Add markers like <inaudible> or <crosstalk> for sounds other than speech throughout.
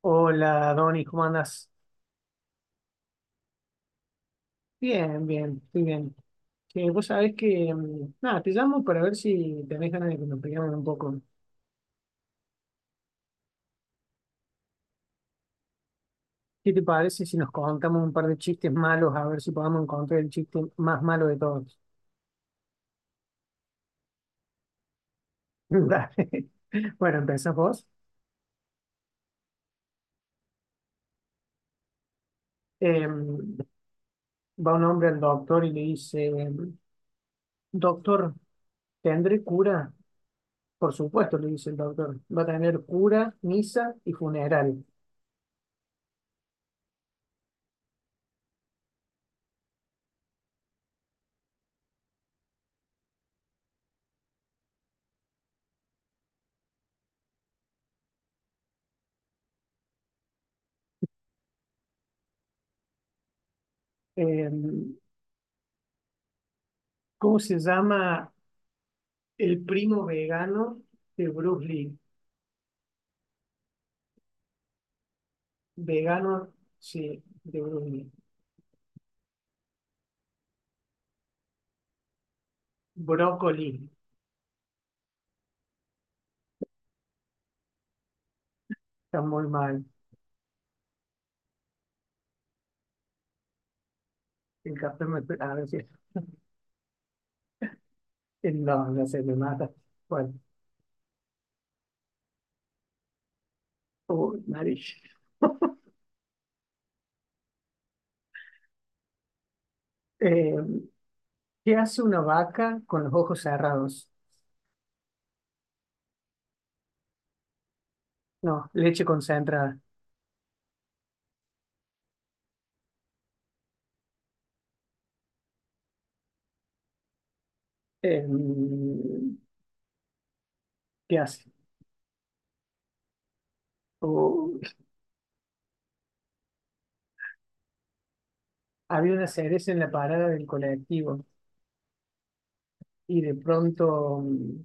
Hola, Donny, ¿cómo andas? Bien, bien, estoy bien. Vos sabés que, nada, te llamo para ver si tenés ganas de que nos peleemos un poco. ¿Qué te parece si nos contamos un par de chistes malos, a ver si podemos encontrar el chiste más malo de todos? <laughs> Dale. Bueno, empezás vos. Va un hombre al doctor y le dice, doctor, ¿tendré cura? Por supuesto, le dice el doctor, va a tener cura, misa y funeral. Eh, ¿Cómo se llama? El primo vegano de Bruce Lee. Vegano, sí, de Bruce Lee. Brócoli. Está muy mal. El café me, a ver si, no, no sé, me mata. Bueno, oh, nariz. <laughs> Eh, ¿qué hace una vaca con los ojos cerrados? No, leche concentrada. Eh, ¿Qué hace? Oh, había una cereza en la parada del colectivo y de pronto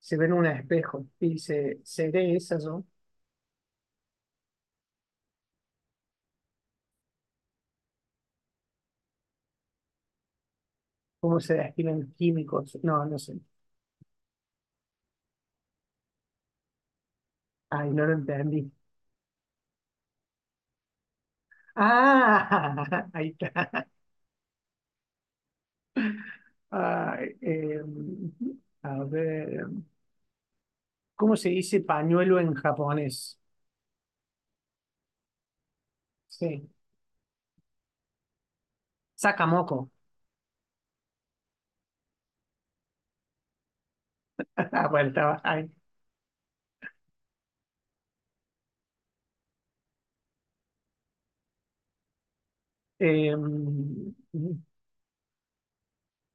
se ve en un espejo y dice, ¿seré esa yo? Cómo se destilan químicos. No, no sé. Ay, no lo entendí. Ah, <laughs> ahí está. Ay, a ver, ¿cómo se dice pañuelo en japonés? Sí, sakamoko. <laughs> Ah, bueno, estaba ahí. Em,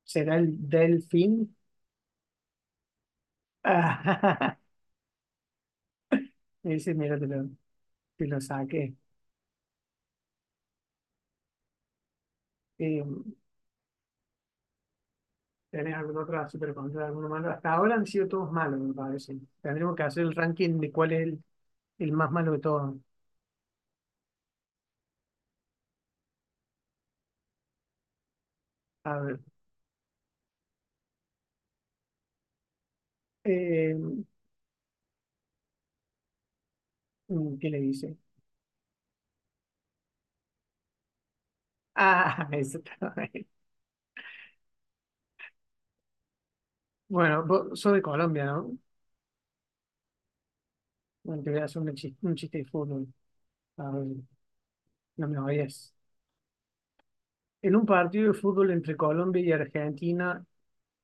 ¿Será el delfín? Ah, <laughs> ese, mira, te lo saqué. Em, ¿Tenés algún otro super contra alguno malo? Hasta ahora han sido todos malos, me parece. Tendremos que hacer el ranking de cuál es el más malo de todos. A ver, eh, ¿qué le dice? Ah, <laughs> eso está bien. Bueno, vos sos de Colombia, ¿no? Bueno, te voy a hacer un chiste de fútbol. A ver, no me oyes. En un partido de fútbol entre Colombia y Argentina,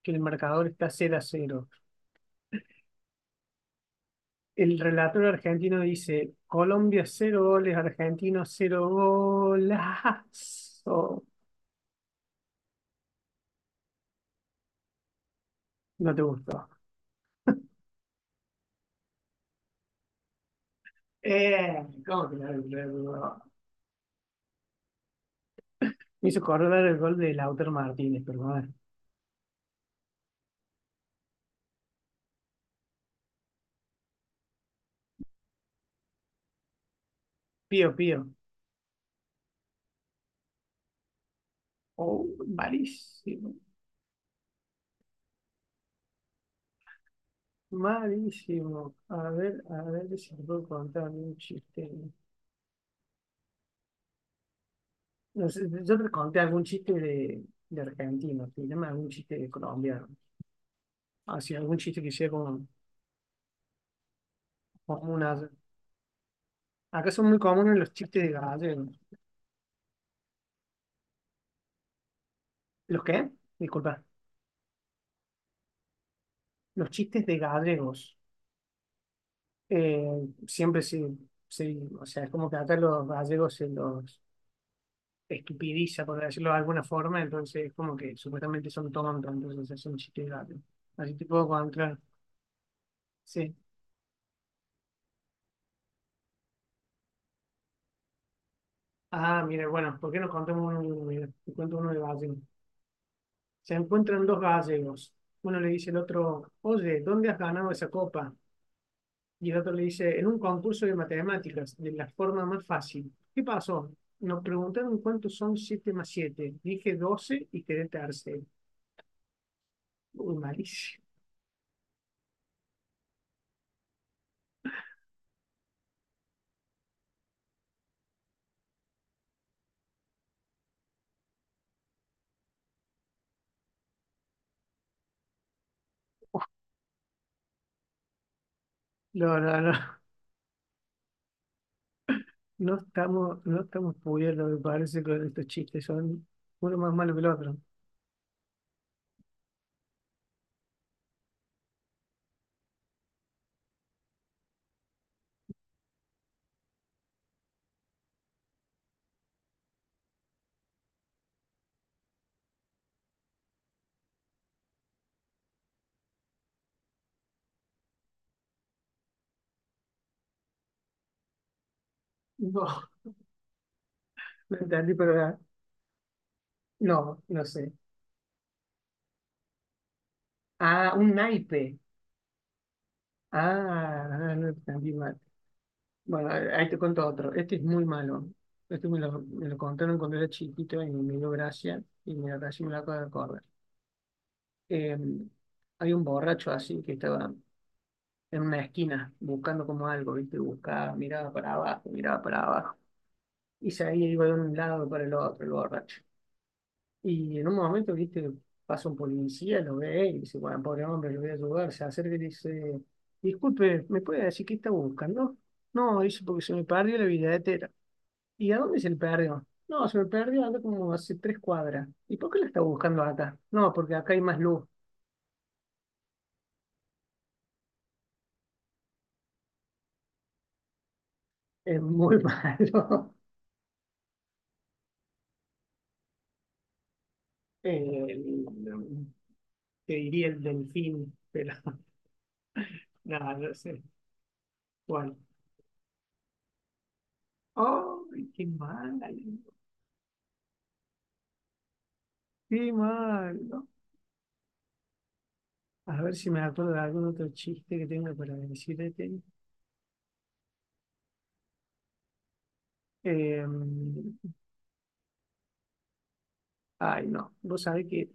que el marcador está cero a cero. El relator argentino dice, Colombia cero goles, Argentino 0 golazo. No te gustó. ¿Cómo que no? Me hizo acordar el gol de Lautaro Martínez, pero bueno. Pío, pío. Oh, malísimo, malísimo. A ver si te puedo contar algún chiste. No sé, yo te conté algún chiste de, argentino, llama algún chiste de colombiano. Así, algún chiste que sea como una- Acá son muy comunes los chistes de gallegos. ¿Los qué? Disculpa. Los chistes de gallegos. Eh, siempre sí, sí. O sea, es como que acá los gallegos se los estupidiza, por decirlo de alguna forma, entonces es como que supuestamente son tontos, entonces hacen chistes rápidos. Así te puedo contar. Sí. Ah, mire bueno, ¿por qué no contamos uno de uno? Mira, te cuento uno de gallego. Se encuentran dos gallegos. Uno le dice al otro, oye, ¿dónde has ganado esa copa? Y el otro le dice, en un concurso de matemáticas, de la forma más fácil. ¿Qué pasó? Nos preguntaron cuántos son 7 más siete. Dije 12 y quedé tercero. Uy, malísimo. <laughs> No, no, no. No estamos pudiendo me parece, con estos chistes. Son uno más malo que el otro. <laughs> No, no entendí, pero no, no sé. Ah, un naipe. Ah, ah, no entendí mal. Bueno, ahí te cuento otro. Este es muy malo. Este me lo contaron cuando era chiquito y me dio gracia. Y me casi me lo acabo de acordar. Eh, hay un borracho así que estaba en una esquina buscando como algo, ¿viste? Buscaba, miraba para abajo, miraba para abajo. Y se iba de un lado para el otro, el borracho. Y en un momento, viste, pasa un policía, lo ve y dice, bueno, pobre hombre, lo voy a ayudar. Se acerca y le dice, disculpe, ¿me puede decir qué está buscando? No, dice, porque se me perdió la billetera. ¿Y a dónde se le perdió? No, se me perdió acá como hace tres cuadras. ¿Y por qué la está buscando acá? No, porque acá hay más luz. Es muy <laughs> malo. Eh, te diría el delfín, pero <laughs> nada, no sé. Bueno. ¡Ay, qué mal! ¡Qué mal! ¿No? A ver si me acuerdo de algún otro chiste que tenga para decirte. Eh, ay, no, vos sabés que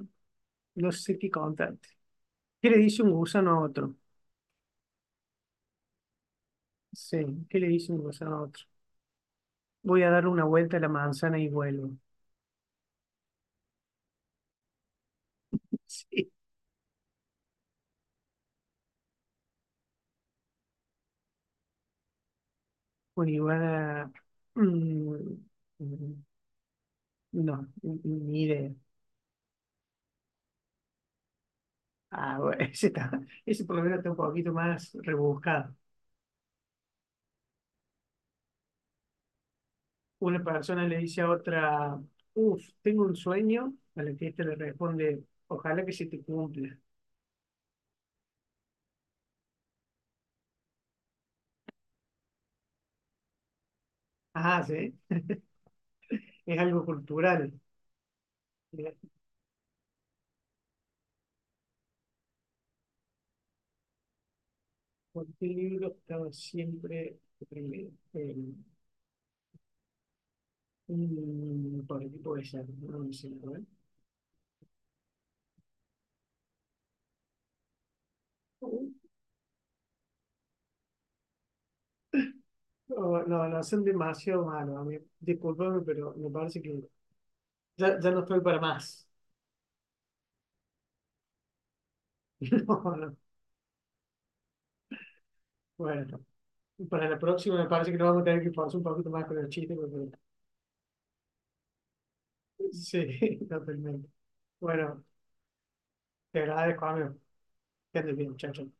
no sé qué contarte. ¿Qué le dice un gusano a otro? Sí, ¿qué le dice un gusano a otro? Voy a darle una vuelta a la manzana y vuelvo. <laughs> Sí, una iguana. mm, mm, no, ni idea. Ah, bueno, <laughs> ese, está, ese por lo menos está un poquito más rebuscado. Una persona le dice a otra, uff, tengo un sueño, a la que ésta le responde, ojalá que se te cumpla. Ah, sí, es algo cultural. Mira, ¿por qué libro estaba siempre primero? Por el tipo de ser, no lo sé, a ver. Oh, no, no, son demasiado malos. A mí. Disculpame, pero me parece que ya no estoy para más. <laughs> No, no. Bueno, para la próxima me parece que nos vamos a tener que forzar un poquito más con el chiste, porque sí, <laughs> totalmente. Bueno, te agradezco, amigo. Que andes bien, chao, chao.